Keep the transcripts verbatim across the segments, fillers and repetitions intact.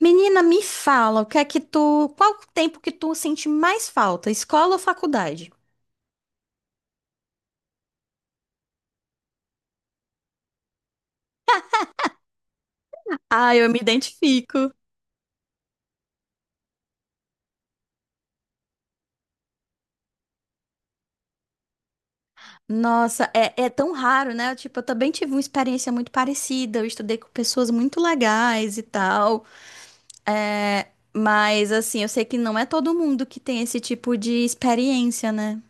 Menina, me fala, o que é que tu, qual o tempo que tu sente mais falta, escola ou faculdade? Ah, eu me identifico. Nossa, é, é tão raro, né? Tipo, eu também tive uma experiência muito parecida. Eu estudei com pessoas muito legais e tal. É, mas, assim, eu sei que não é todo mundo que tem esse tipo de experiência, né?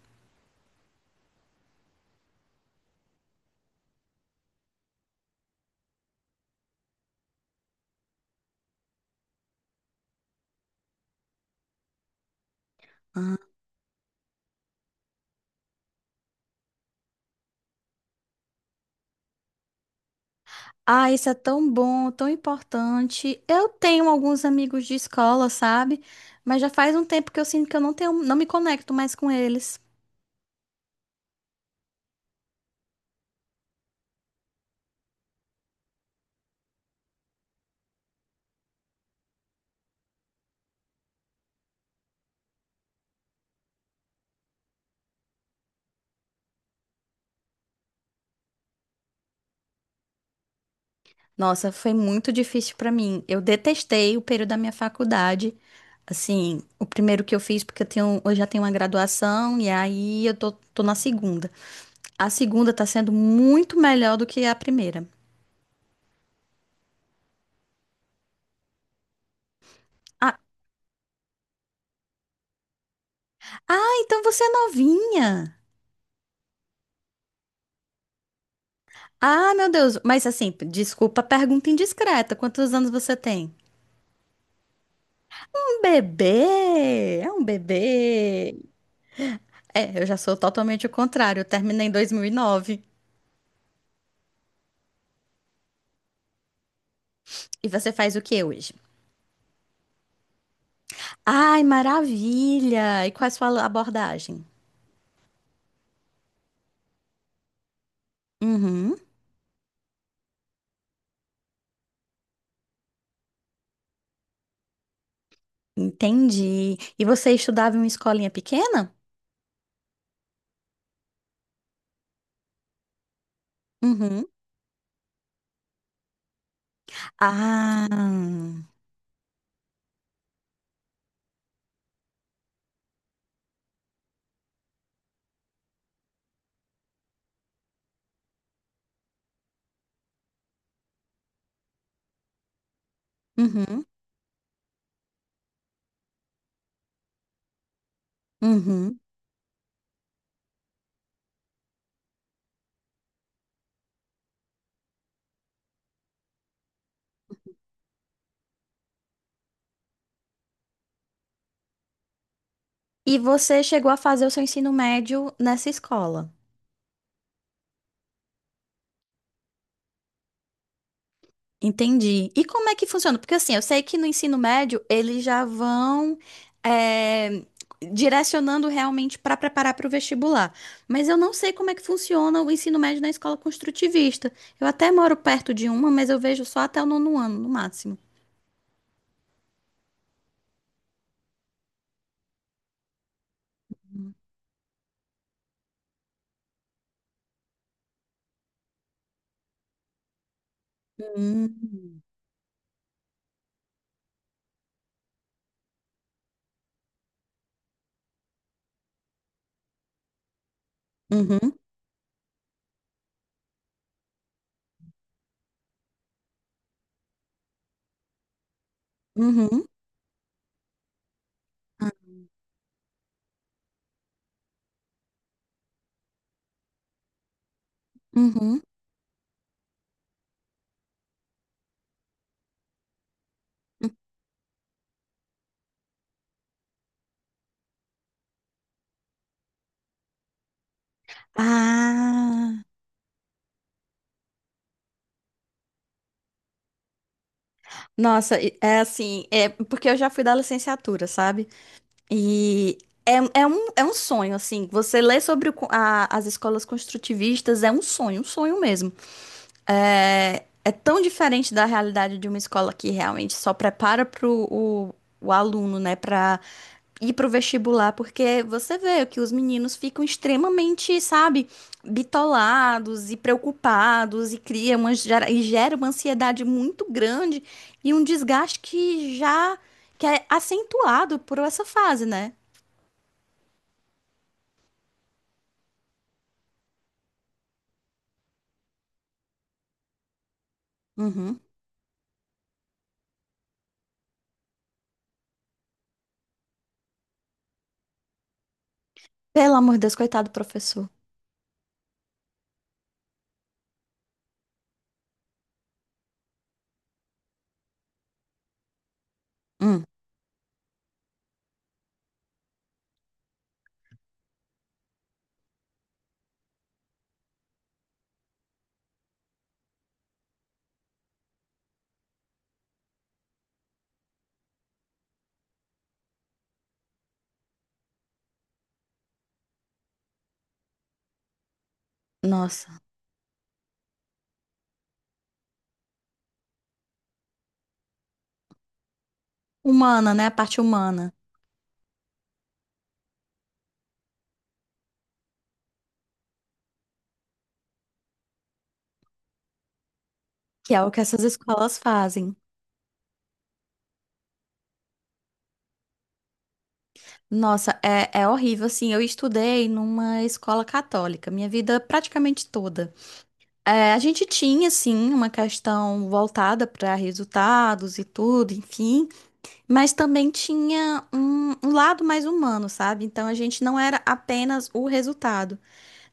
Ah, isso é tão bom, tão importante. Eu tenho alguns amigos de escola, sabe? Mas já faz um tempo que eu sinto que eu não tenho, não me conecto mais com eles. Nossa, foi muito difícil para mim. Eu detestei o período da minha faculdade. Assim, o primeiro que eu fiz, porque eu tenho, eu já tenho uma graduação e aí eu tô, tô na segunda. A segunda tá sendo muito melhor do que a primeira. Ah, ah, então você é novinha. Ah, meu Deus. Mas assim, desculpa a pergunta indiscreta. Quantos anos você tem? Um bebê. É um bebê. É, eu já sou totalmente o contrário. Eu terminei em dois mil e nove. E nove. E você faz o que hoje? Ai, maravilha! E qual é a sua abordagem? Uhum, entendi. E você estudava em uma escolinha pequena? Uhum. Ah, uhum, uhum. E você chegou a fazer o seu ensino médio nessa escola? Entendi. E como é que funciona? Porque assim, eu sei que no ensino médio eles já vão eh, direcionando realmente para preparar para o vestibular. Mas eu não sei como é que funciona o ensino médio na escola construtivista. Eu até moro perto de uma, mas eu vejo só até o nono ano, no máximo. Hum. Uhum, uhum, ah, uhum. Ah, nossa, e- é assim, é porque eu já fui da licenciatura, sabe? E é, é um, é um sonho, assim. Você lê sobre o co- a- as escolas construtivistas é um sonho, um sonho mesmo. É, é tão diferente da realidade de uma escola que realmente só prepara para o, o aluno, né, para ir para o vestibular, porque você vê que os meninos ficam extremamente, sabe, bitolados e preocupados e cria uma, gera- e gera uma ansiedade muito grande e um desgaste que já que é acentuado por essa fase, né? Uhum. Pelo amor de Deus, coitado do professor. Hum. Nossa. Humana, né? A parte humana, que é o que essas escolas fazem. Nossa, é, é horrível, assim, eu estudei numa escola católica, minha vida praticamente toda. É, a gente tinha, sim, uma questão voltada para resultados e tudo, enfim, mas também tinha um, um lado mais humano, sabe? Então a gente não era apenas o resultado.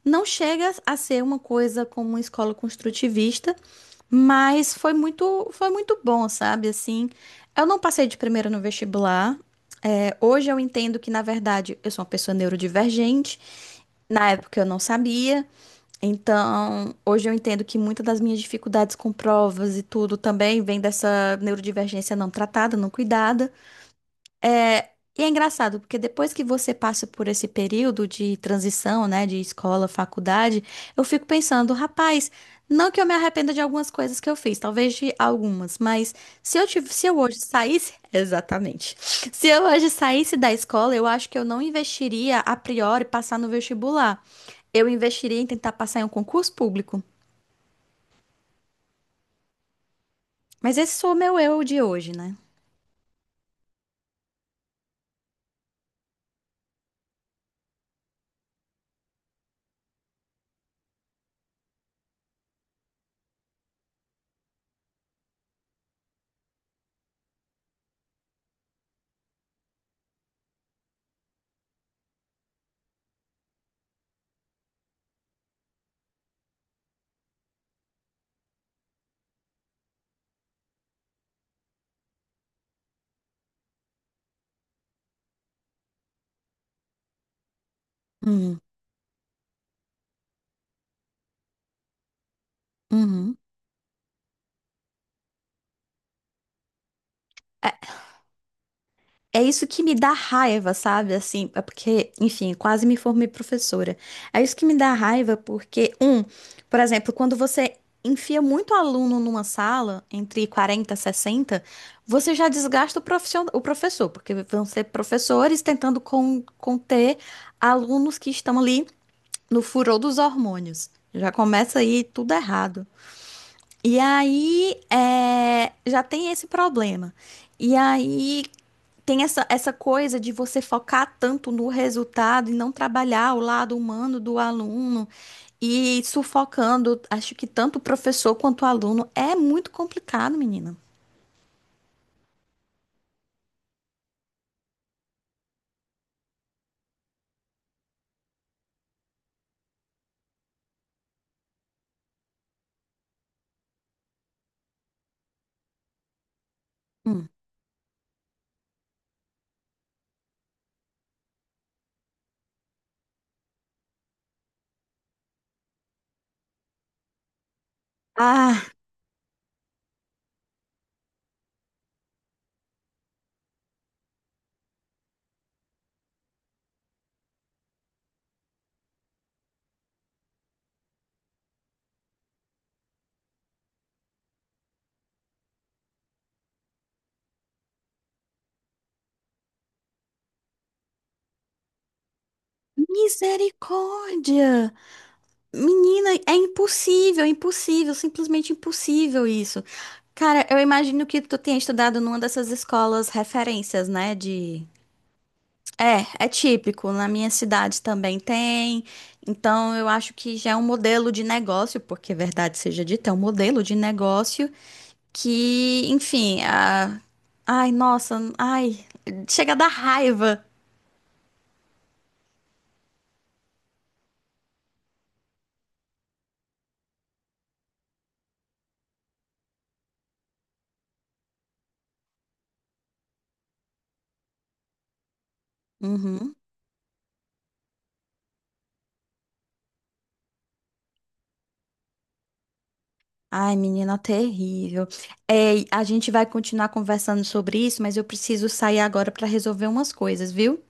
Não chega a ser uma coisa como uma escola construtivista, mas foi muito, foi muito bom, sabe? Assim, eu não passei de primeira no vestibular. É, hoje eu entendo que, na verdade, eu sou uma pessoa neurodivergente. Na época eu não sabia. Então, hoje eu entendo que muitas das minhas dificuldades com provas e tudo também vem dessa neurodivergência não tratada, não cuidada. É, e é engraçado, porque depois que você passa por esse período de transição, né, de escola, faculdade, eu fico pensando, rapaz, não que eu me arrependa de algumas coisas que eu fiz, talvez de algumas, mas se eu tive, se eu hoje saísse, exatamente, se eu hoje saísse da escola, eu acho que eu não investiria a priori passar no vestibular. Eu investiria em tentar passar em um concurso público. Mas esse sou o meu eu de hoje, né? Uhum. Uhum. É, é isso que me dá raiva, sabe? Assim, é porque, enfim, quase me formei professora. É isso que me dá raiva porque, um, por exemplo, quando você enfia muito aluno numa sala, entre quarenta e sessenta, você já desgasta o profissio- o professor, porque vão ser professores tentando con- conter alunos que estão ali no furor dos hormônios. Já começa aí tudo errado. E aí, é, já tem esse problema. E aí, tem essa, essa coisa de você focar tanto no resultado e não trabalhar o lado humano do aluno e sufocando, acho que tanto o professor quanto o aluno é muito complicado, menina. Hum. Ah, misericórdia! Menina, é impossível, impossível, simplesmente impossível isso. Cara, eu imagino que tu tenha estudado numa dessas escolas referências, né, de. É, é típico. Na minha cidade também tem. Então, eu acho que já é um modelo de negócio, porque é verdade seja dita, é um modelo de negócio que, enfim, a. Ai, nossa, ai, chega a dar raiva. Uhum. Ai, menina, terrível. Ei, a gente vai continuar conversando sobre isso, mas eu preciso sair agora para resolver umas coisas, viu?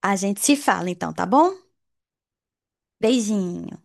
A gente se fala então, tá bom? Beijinho.